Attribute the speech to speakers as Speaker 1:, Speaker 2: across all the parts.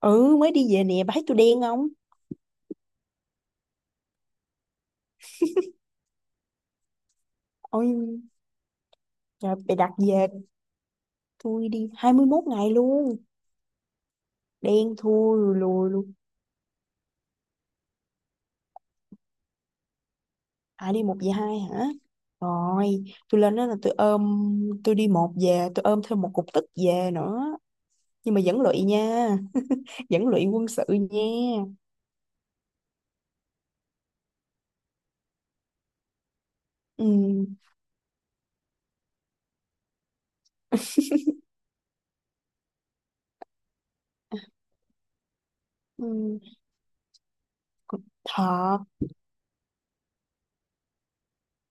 Speaker 1: Ừ, mới đi về nè, bà thấy tôi đen không? Ôi trời, bà đặt về. Tôi đi 21 ngày luôn, đen thui lùi lùi luôn. À, đi một về hai hả? Rồi tôi lên đó là tôi ôm, tôi đi một về tôi ôm thêm một cục tức về nữa. Nhưng mà vẫn lụy nha, vẫn lụy quân sự nha. Ừ, ừ. Còn thợ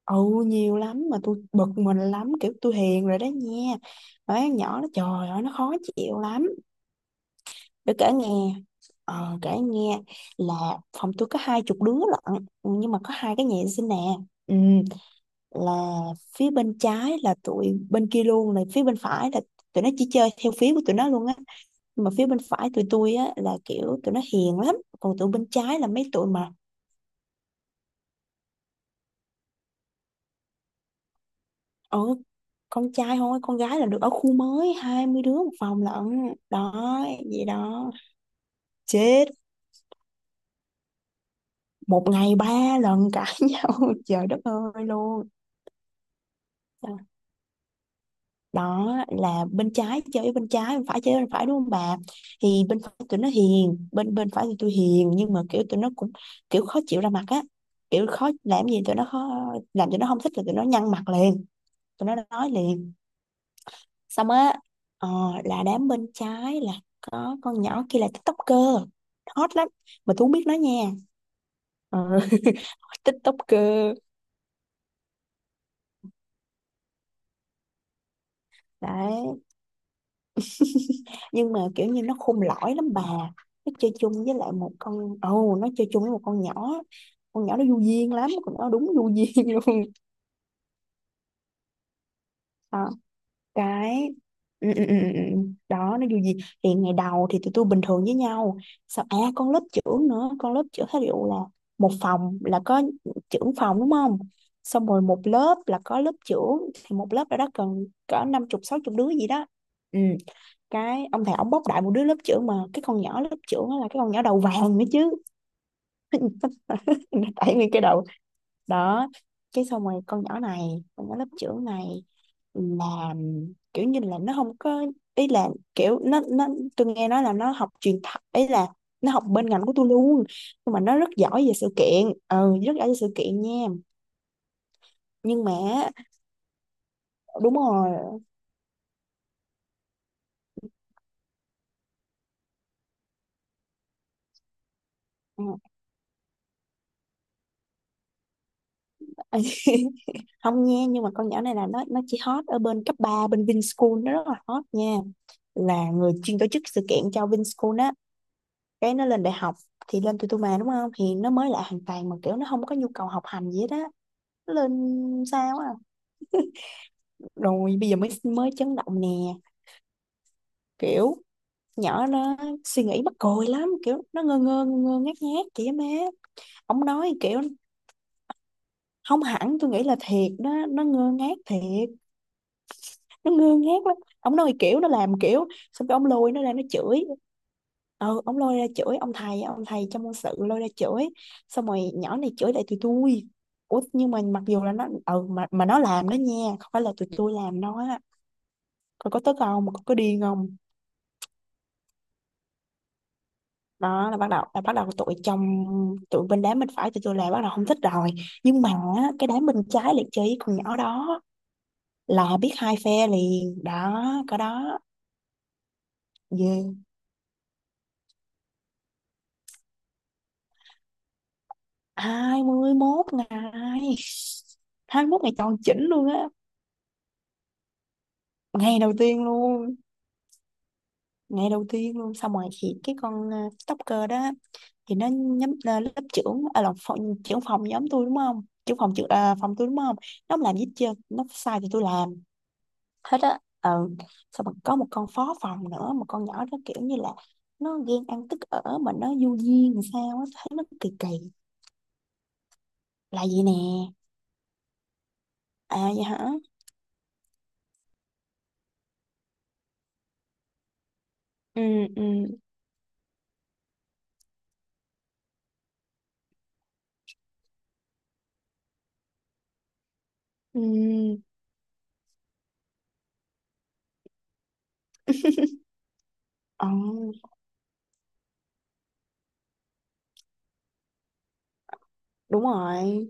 Speaker 1: ừ, nhiều lắm mà tôi bực mình lắm, kiểu tôi hiền rồi đó nha. Mấy con nhỏ nó trời ơi nó khó chịu lắm. Để kể nghe. Kể nghe. Là phòng tôi có hai chục đứa lận, nhưng mà có hai cái nhà vệ sinh nè. ừ, là phía bên trái là tụi bên kia luôn này, phía bên phải là tụi nó chỉ chơi theo phía của tụi nó luôn á. Nhưng mà phía bên phải tụi tôi á là kiểu tụi nó hiền lắm, còn tụi bên trái là mấy tụi mà ở con trai thôi, con gái là được ở khu mới hai mươi đứa một phòng lận đó. Vậy đó, chết. Một ngày ba lần cãi nhau, trời đất ơi luôn. Đó là bên trái chơi với bên trái, bên phải chơi với bên phải đúng không bà. Thì bên phải tụi nó hiền, bên bên phải thì tôi hiền, nhưng mà kiểu tụi nó cũng kiểu khó chịu ra mặt á, kiểu khó, làm gì tụi nó khó, làm tụi nó không thích là tụi nó nhăn mặt liền, tụi nó nói liền. Xong á. ờ, là đám bên trái là có con nhỏ kia là tiktoker hot lắm, mà tôi không biết nó nha. ờ, Tiktoker. Đấy, nhưng mà kiểu như nó khôn lõi lắm bà. Nó chơi chung với lại một con, ồ nó chơi chung với một con nhỏ, con nhỏ nó du duyên lắm, con nhỏ đúng du duyên luôn. Ờ, cái ừ, ừ, ừ, ừ, ừ. Đó nó du duyên, thì ngày đầu thì tụi tôi bình thường với nhau. Sao à con lớp trưởng nữa, con lớp trưởng thí dụ là một phòng là có trưởng phòng đúng không, xong rồi một lớp là có lớp trưởng, thì một lớp đó, đó cần cỡ năm chục sáu chục đứa gì đó. Ừ, cái ông thầy ổng bóc đại một đứa lớp trưởng, mà cái con nhỏ lớp trưởng đó là cái con nhỏ đầu vàng nữa chứ. Tại nguyên cái đầu đó. Cái xong rồi con nhỏ này, con nhỏ lớp trưởng này là kiểu như là nó không có ý là kiểu nó tôi nghe nói là nó học truyền thật ấy, là nó học bên ngành của tôi luôn, nhưng mà nó rất giỏi về sự kiện, ừ rất giỏi về sự kiện nha. Nhưng mà đúng rồi. Không nha, nhưng mà con nhỏ này là nó chỉ hot ở bên cấp 3 bên Vinschool, nó rất là hot nha, là người chuyên tổ chức sự kiện cho Vinschool á. Cái nó lên đại học thì lên Tutuma đúng không, thì nó mới lại hoàn toàn, mà kiểu nó không có nhu cầu học hành gì hết á. Nó lên sao á. Rồi bây giờ mới mới chấn động nè. Kiểu nhỏ nó suy nghĩ mắc cười lắm, kiểu nó ngơ ngác ngác chị á má. Ông nói kiểu không hẳn, tôi nghĩ là thiệt đó, nó ngơ ngác thiệt, nó ngơ ngác lắm. Ông nói kiểu nó làm kiểu xong cái ông lôi nó ra nó chửi. Ừ, ông lôi ra chửi, ông thầy trong môn sự lôi ra chửi, xong rồi nhỏ này chửi lại tụi tôi. Ủa nhưng mà mặc dù là nó ừ mà nó làm đó nha, không phải là tụi tôi làm nó á. Còn có tức không mà có điên không. Đó là bắt đầu tụi trong, tụi bên đám bên phải tụi tôi là bắt đầu không thích rồi. Nhưng mà á, cái đám bên trái lại chơi với con nhỏ đó, là biết hai phe liền đó, có đó. Yeah, 21 ngày, 21 ngày tròn chỉnh luôn á. Ngày đầu tiên luôn, ngày đầu tiên luôn. Xong rồi thì cái con TikToker đó thì nó nhắm lớp trưởng là phòng, trưởng phòng nhóm tôi đúng không, trưởng phòng, trưởng phòng tôi đúng không. Nó không làm gì hết trơn, nó sai thì tôi làm hết á. Ừ, xong rồi có một con phó phòng nữa, một con nhỏ đó kiểu như là nó ghen ăn tức ở mà nó vô duyên làm sao á, thấy nó kỳ kỳ. Là vậy nè. À vậy hả? Ừ ừ ừ. Ờ, Đúng rồi.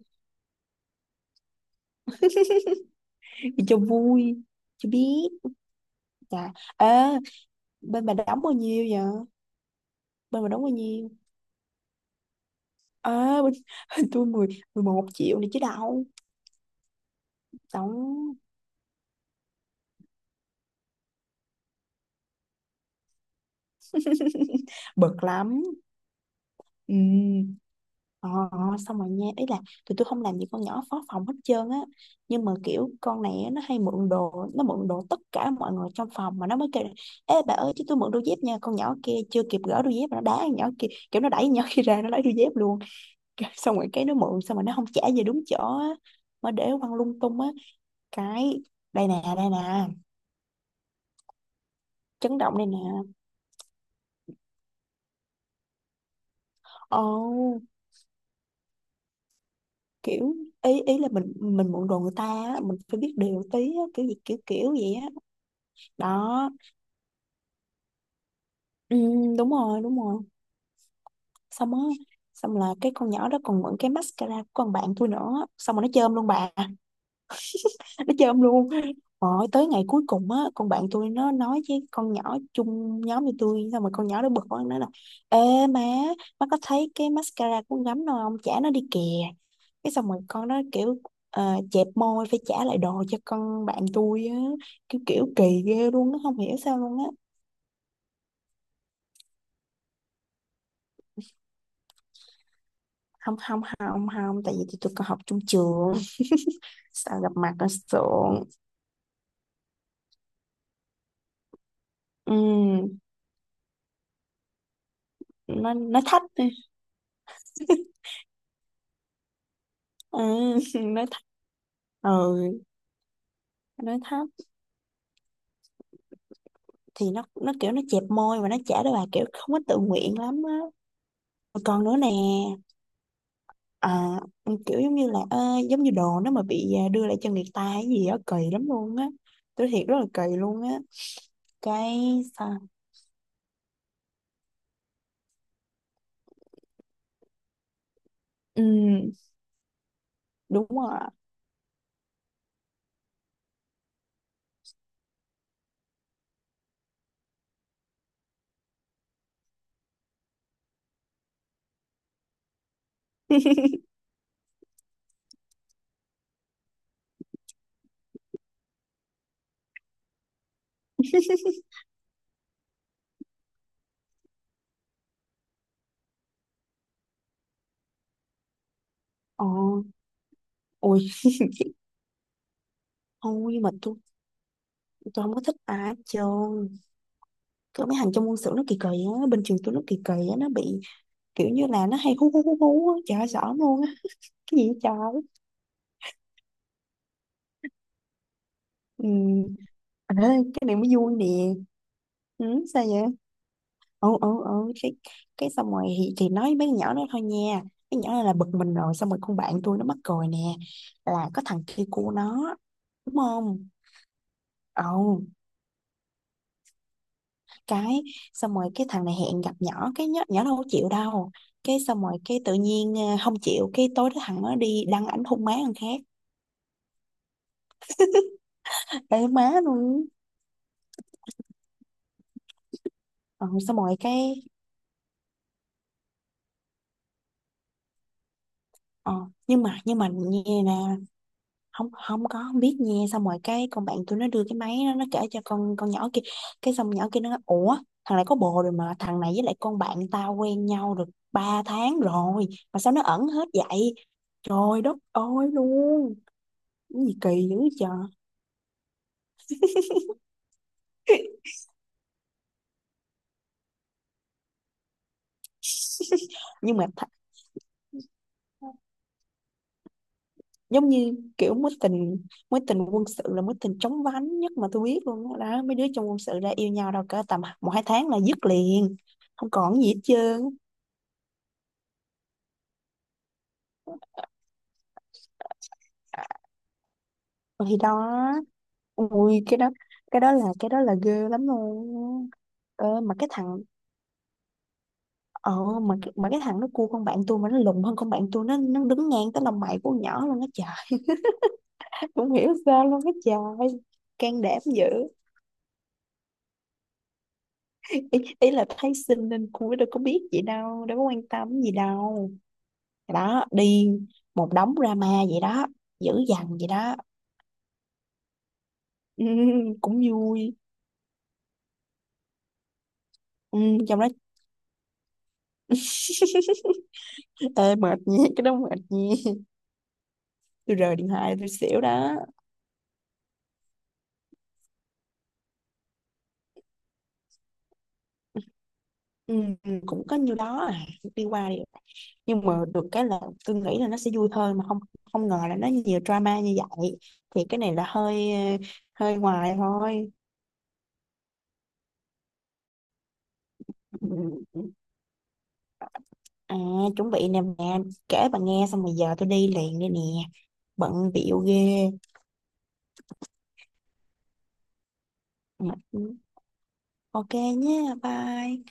Speaker 1: Đi cho vui, cho biết. Dạ. Ê, bên bà đóng bao nhiêu vậy? Bên bà đóng bao nhiêu? Ờ, bên, tôi 10 11 triệu này chứ đâu. Đóng bực lắm. Ừ. Ờ, ờ, Xong rồi nha. Ý là tụi tôi không làm gì con nhỏ phó phòng hết trơn á. Nhưng mà kiểu con này á, nó hay mượn đồ. Nó mượn đồ tất cả mọi người trong phòng. Mà nó mới kêu là: Ê bà ơi chứ tôi mượn đôi dép nha. Con nhỏ kia chưa kịp gỡ đôi dép mà nó đá con nhỏ kia. Kiểu nó đẩy con nhỏ kia ra, nó lấy đôi dép luôn. Xong rồi cái nó mượn xong rồi nó không trả về đúng chỗ á, mà để quăng lung tung á. Cái đây nè, chấn động đây nè. Ồ, kiểu ý, ý là mình mượn đồ người ta á, mình phải biết điều tí á, kiểu gì kiểu kiểu vậy á. Đó, ừ, đúng rồi. Xong á. Xong là cái con nhỏ đó còn mượn cái mascara của con bạn tôi nữa, xong rồi nó chơm luôn bà, nó chơi ông luôn. Rồi tới ngày cuối cùng á, con bạn tôi nó nói với con nhỏ chung nhóm với tôi, xong rồi con nhỏ nó bực quá nó nói là: Ê má, má có thấy cái mascara của con gắm đâu không, trả nó đi kìa. Cái xong rồi con nó kiểu chẹp môi phải trả lại đồ cho con bạn tôi á. Kiểu kiểu kỳ ghê luôn, nó không hiểu sao luôn á. Không không không Không, tại vì tụi tôi còn học chung trường sao gặp mặt nó sượng. Ừ, nó thách đi. Ừ, nói thách. Ừ, nó thách. Thì nó kiểu nó chẹp môi và nó trả lời bà kiểu không có tự nguyện lắm á. Còn nữa nè. à, Kiểu giống như là giống như đồ nó mà bị đưa lại cho người ta hay gì á, kỳ lắm luôn á, tôi thiệt rất là kỳ luôn á. Cái sao, ừ, đúng rồi. Ờ, Ôi không, nhưng mà tôi không có thích ai hết trơn. Có mấy thằng trong quân sự nó kỳ kỳ á. Bên trường tôi nó kỳ kỳ á. Nó bị kiểu như là nó hay hú hú hú hú á, trời ơi sợ lắm luôn á. Cái gì vậy trời. Ừ. à, cái này mới vui nè. Ừ, sao vậy. Ừ cái xong rồi thì nói với mấy con nhỏ đó thôi nha. Mấy nhỏ này là bực mình rồi, xong rồi con bạn tôi nó mắc cười nè, là có thằng kia của nó đúng không. Ừ, cái xong rồi cái thằng này hẹn gặp nhỏ, cái nhỏ đâu có chịu đâu. Cái xong rồi cái tự nhiên không chịu, cái tối đó thằng nó đi đăng ảnh hôn má thằng khác. Ê má luôn. Ừ, xong rồi cái ờ, nhưng mà như nè. Không Không có, không biết nha. Xong rồi cái con bạn tôi nó đưa cái máy, nó kể cho con nhỏ kia. Cái xong nhỏ kia nó nói ủa, thằng này có bồ rồi, mà thằng này với lại con bạn tao quen nhau được 3 tháng rồi, mà sao nó ẩn hết vậy, trời đất ơi luôn. Cái gì kỳ dữ trời. nhưng mà th- Giống như kiểu mối tình, mối tình quân sự là mối tình chóng vánh nhất mà tôi biết luôn đó, đó mấy đứa trong quân sự ra yêu nhau đâu cỡ tầm một hai tháng là dứt liền, không còn gì hết trơn. Thì đó, ui cái đó, cái đó là ghê lắm luôn. Ờ, mà cái thằng ờ mà cái- mà cái thằng nó cua con bạn tôi mà nó lùn hơn con bạn tôi, nó đứng ngang tới lòng mày của con nhỏ luôn á trời. Không hiểu sao luôn á trời. Can đảm dữ. Ý là thấy xinh nên cua, đâu có biết gì đâu, đâu có quan tâm gì đâu. Đó đi, một đống drama vậy đó, dữ dằn vậy đó. Ừ, cũng vui. Ừ, trong đó. Ê, mệt nha, cái đó mệt nha. Tôi rời điện thoại tôi xỉu đó. ừ, Cũng có nhiêu đó à, đi qua đi lại. Nhưng mà được cái là tôi nghĩ là nó sẽ vui thôi mà không, không ngờ là nó nhiều drama như vậy. Thì cái này là hơi hơi ngoài thôi. Ừ, ừ. à Chuẩn bị nè mẹ, kể bà nghe xong rồi giờ tôi đi liền đây nè. Bận bịu ghê. Ừ, ok nhé, bye